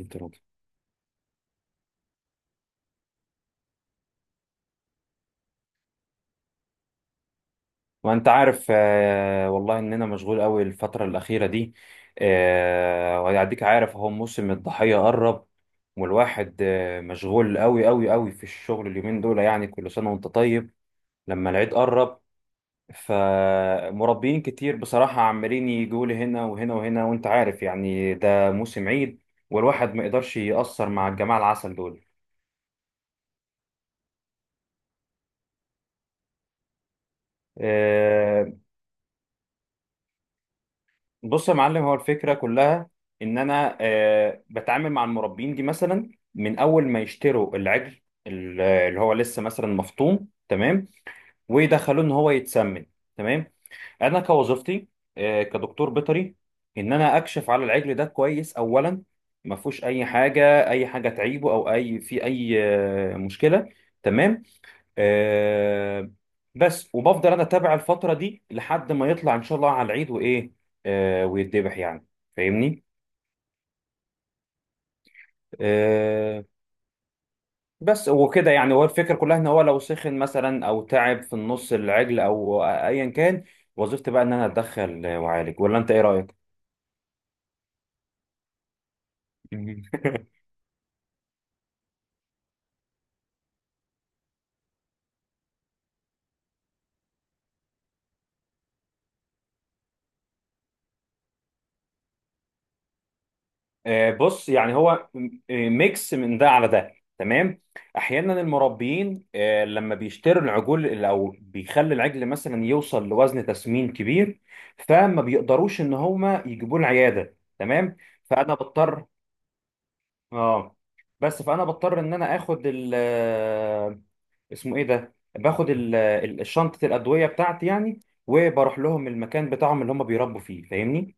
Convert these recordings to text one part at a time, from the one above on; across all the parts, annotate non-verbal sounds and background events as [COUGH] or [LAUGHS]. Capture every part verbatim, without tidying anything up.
انترودي. وانت عارف آه والله اننا مشغول قوي الفتره الاخيره دي. آه وهيعديك، عارف اهو موسم الضحيه قرب. والواحد آه مشغول قوي قوي قوي في الشغل اليومين دول، يعني كل سنه وانت طيب لما العيد قرب. فمربيين كتير بصراحه عمالين يجوا لي هنا وهنا وهنا، وانت عارف يعني ده موسم عيد، والواحد ما يقدرش يأثر مع الجماعه العسل دول. آه، بص يا معلم، هو الفكرة كلها إن أنا آه بتعامل مع المربين دي، مثلا من أول ما يشتروا العجل ال- اللي هو لسه مثلا مفطوم. تمام، ويدخلوه إن هو يتسمن. تمام، أنا كوظيفتي آه كدكتور بيطري، إن أنا أكشف على العجل ده كويس أولا، ما فيهوش أي حاجة، أي حاجة تعيبه أو أي في أي آه مشكلة. تمام، آه بس، وبفضل انا اتابع الفتره دي لحد ما يطلع ان شاء الله على العيد وايه، آه ويتذبح يعني. فاهمني؟ آه بس وكده، يعني هو الفكره كلها ان هو لو سخن مثلا او تعب في النص العجل او ايا كان، وظيفتي بقى ان انا اتدخل واعالج، ولا انت ايه رايك؟ آه، بص، يعني هو م- آه، ميكس من ده على ده. تمام، احيانا المربيين آه، لما بيشتروا العجول او بيخلي العجل مثلا يوصل لوزن تسمين كبير، فما بيقدروش ان هما يجيبوه العياده. تمام، فانا بضطر، اه، بس فانا بضطر ان انا اخد ال آه، اسمه ايه ده، باخد ال- آه، ال- شنطه الادويه بتاعتي يعني، وبروح لهم المكان بتاعهم اللي هم بيربوا فيه. فاهمني؟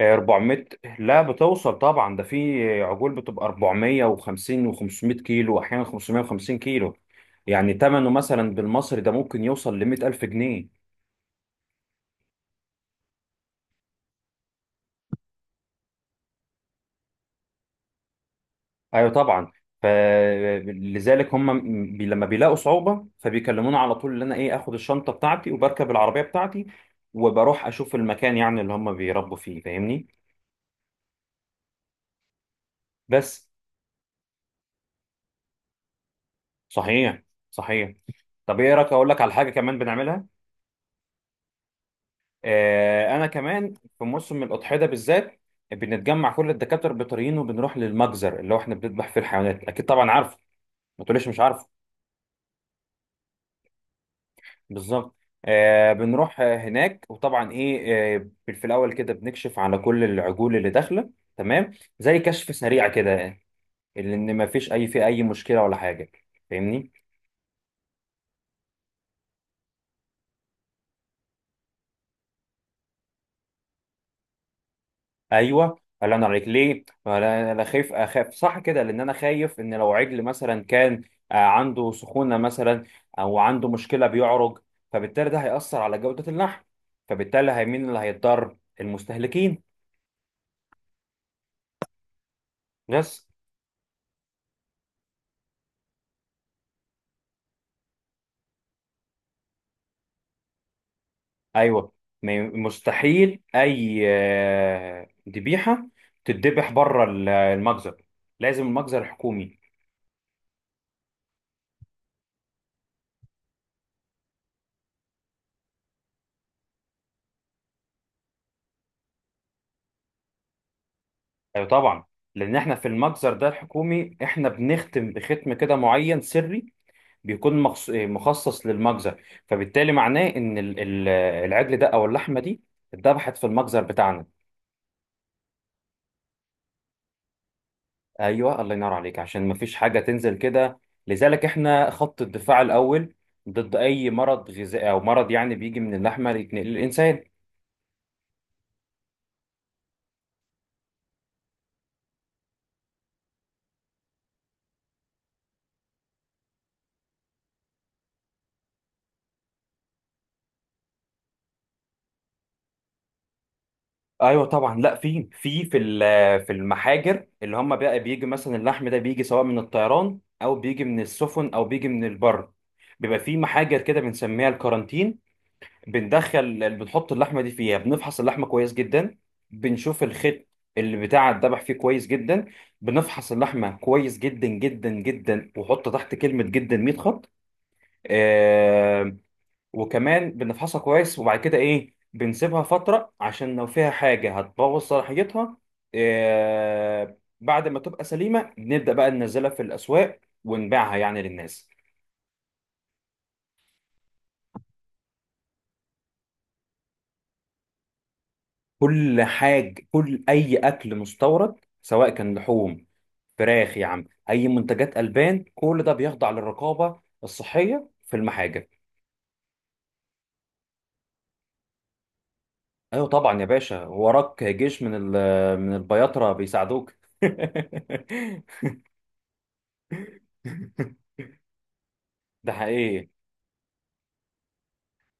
أربعمائة؟ لا، بتوصل طبعا، ده في عجول بتبقى أربعمية وخمسين و500 كيلو، واحيانا خمسمائة وخمسين كيلو. يعني ثمنه مثلا بالمصري ده ممكن يوصل ل مية ألف جنيه. ايوه طبعا، فلذلك هم م- بي- لما بيلاقوا صعوبة فبيكلموني على طول ان انا ايه، اخد الشنطة بتاعتي وبركب العربية بتاعتي وبروح اشوف المكان يعني اللي هم بيربوا فيه. فاهمني؟ بس، صحيح، صحيح. طب ايه رايك اقول لك على حاجة كمان بنعملها؟ آه، انا كمان في موسم الاضحيه ده بالذات، بنتجمع كل الدكاتره البيطريين وبنروح للمجزر اللي هو احنا بنذبح فيه الحيوانات. اكيد طبعا عارف، ما تقوليش مش عارف. بالظبط، آه بنروح آه، هناك، وطبعا ايه، آه، في الاول كده بنكشف على كل العجول اللي داخله. تمام، زي كشف سريع كده، لان ما فيش اي، في اي مشكله ولا حاجه. فاهمني؟ ايوه الله ينور عليك، ليه؟ انا أنا خايف، اخاف صح كده، لان انا خايف ان لو عجل مثلا كان آه، عنده سخونه مثلا، او عنده مشكله بيعرج، فبالتالي ده هيأثر على جوده اللحم، فبالتالي هي- مين اللي هيتضرر؟ المستهلكين. بس. ايوه، ما ي- مستحيل اي آه، ذبيحه تتذبح بره ال- المجزر، لازم المجزر الحكومي. ايوه طبعا، لان احنا في المجزر ده الحكومي احنا بنختم بختم كده معين سري، بيكون مخص- مخصص للمجزر، فبالتالي معناه ان ال- ال- العجل ده او اللحمه دي اتذبحت في المجزر بتاعنا. ايوه الله ينور عليك، عشان مفيش حاجه تنزل كده. لذلك احنا خط الدفاع الاول ضد اي مرض غذائي او مرض يعني بيجي من اللحمه يتنقل للانسان. ايوه طبعا، لا في، في في ال- في المحاجر، اللي هم بقى بيجي مثلا اللحم ده، بيجي سواء من الطيران او بيجي من السفن او بيجي من البر، بيبقى في محاجر كده بنسميها الكارانتين. بندخل بنحط اللحمه دي فيها، بنفحص اللحمه كويس جدا، بنشوف الخيط اللي بتاع الذبح فيه كويس جدا، بنفحص اللحمه كويس جدا جدا جدا، وحط تحت كلمه جدا مية خط. آه وكمان بنفحصها كويس، وبعد كده ايه، بنسيبها فتره عشان لو فيها حاجه هتبوظ صلاحيتها. آه بعد ما تبقى سليمه، نبدا بقى ننزلها في الاسواق ونبيعها يعني للناس. كل حاجة، كل أي أكل مستورد، سواء كان لحوم، فراخ يا عم، أي منتجات ألبان، كل ده بيخضع للرقابة الصحية في المحاجة. أيوة طبعا يا باشا، وراك جيش من ال- من البياطرة بيساعدوك. [LAUGHS] ده حقيقي.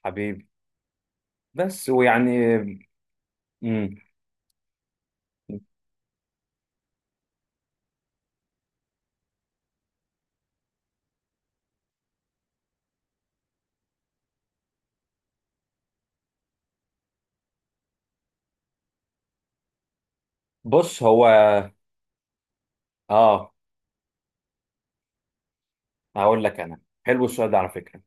حبيبي، بس ويعني مم. بص، هو اه، هقول لك انا، حلو السؤال ده على فكرة.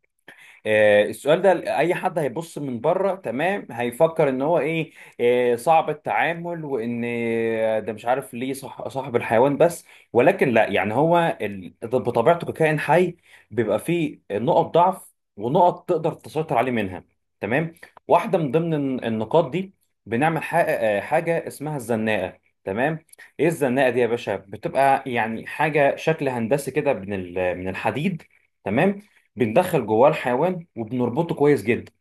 آه، السؤال ده اي حد هيبص من بره، تمام، هيفكر ان هو ايه، آه، صعب التعامل، وان آه، ده مش عارف ليه، صح، صاحب الحيوان بس. ولكن لا، يعني هو ال- ده بطبيعته ككائن حي بيبقى فيه نقط ضعف ونقط تقدر تسيطر عليه منها. تمام، واحده من ضمن الن- النقاط دي، بنعمل ح- آه، حاجه اسمها الزناقه. تمام، ايه الزناقه دي يا باشا؟ بتبقى يعني حاجه شكل هندسي كده من ال- من الحديد. تمام، بندخل جواه الحيوان وبنربطه كويس جدا.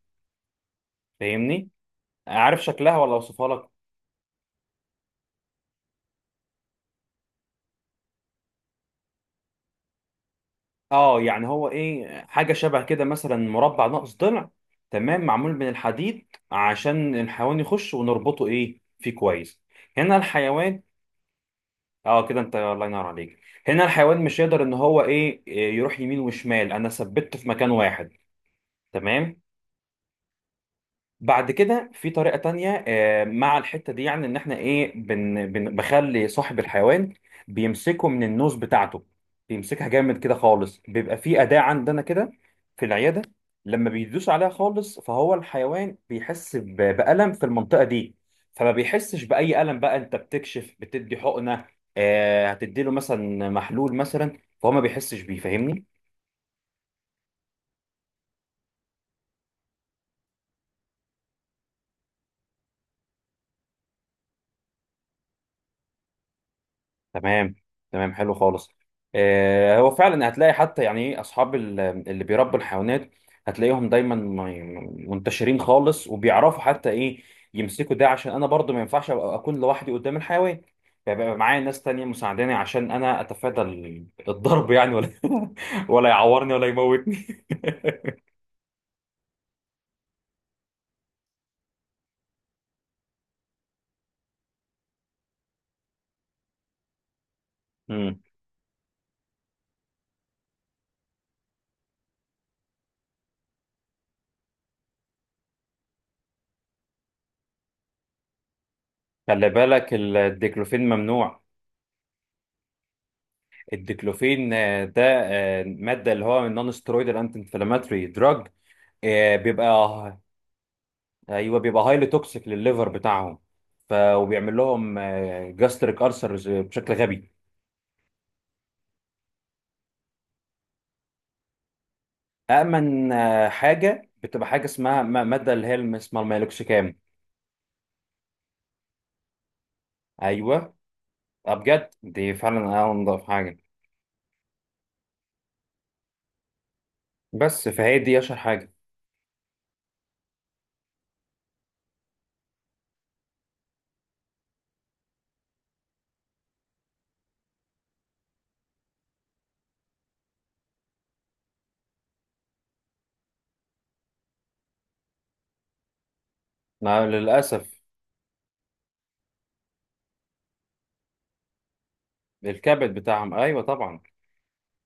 فاهمني؟ عارف شكلها ولا اوصفها لك؟ اه يعني هو ايه، حاجه شبه كده مثلا مربع ناقص ضلع. تمام، معمول من الحديد عشان الحيوان يخش ونربطه ايه فيه كويس. هنا الحيوان، اه كده، انت الله ينور عليك. هنا الحيوان مش يقدر ان هو ايه، إيه، يروح يمين وشمال، انا ثبته في مكان واحد. تمام، بعد كده في طريقة تانية آه، مع الحتة دي، يعني ان احنا ايه، بن بن بخلي صاحب الحيوان بيمسكه من النوز بتاعته، بيمسكها جامد كده خالص. بيبقى في أداة عندنا كده في العيادة، لما بيدوس عليها خالص، فهو الحيوان بيحس ب- بألم في المنطقة دي، فما بيحسش بأي ألم. بقى انت بتكشف، بتدي حقنة، آه، هتدي له مثلا محلول مثلا، فهو ما بيحسش بيه. فاهمني؟ تمام، تمام، حلو خالص. آه، هو فعلا هتلاقي حتى يعني ايه، اصحاب ال- اللي بيربوا الحيوانات، هتلاقيهم دايما م- منتشرين خالص، وبيعرفوا حتى ايه، يمسكوا ده، عشان انا برضو ما ينفعش أبقى اكون لوحدي قدام الحيوان، فيبقى معايا ناس تانية مساعداني عشان انا اتفادى ال- الضرب يعني، ولا [LAUGHS] ولا يعورني ولا يموتني. [LAUGHS] مم. خلي بالك ال- الديكلوفين ممنوع. الديكلوفين آه، ده آه، مادة اللي هو نون ستيرويدال انتي انفلاماتوري دراج، آه، بيبقى ايوه بيبقى هايلي توكسيك للليفر بتاعهم، ف وبيعمل لهم جاستريك ألسر بشكل غبي. امن آه، حاجه، بتبقى حاجه اسمها م- ماده اللي هي الم- اسمها الميلوكسيكام. ايوه، آه، بجد دي فعلا انضف حاجه، بس فهي دي اشهر حاجه. ما للاسف الكبد بتاعهم، ايوه طبعا،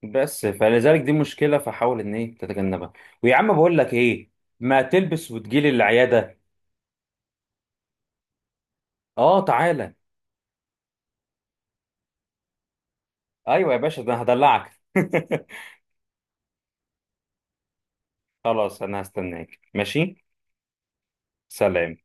بس فلذلك دي مشكله فحاول ان ايه تتجنبها. ويا عم بقول لك ايه، ما تلبس وتجيلي العياده. اه تعالى. ايوه يا باشا، ده أنا هدلعك. [LAUGHS] خلاص أنا هستناك، ماشي. سلام.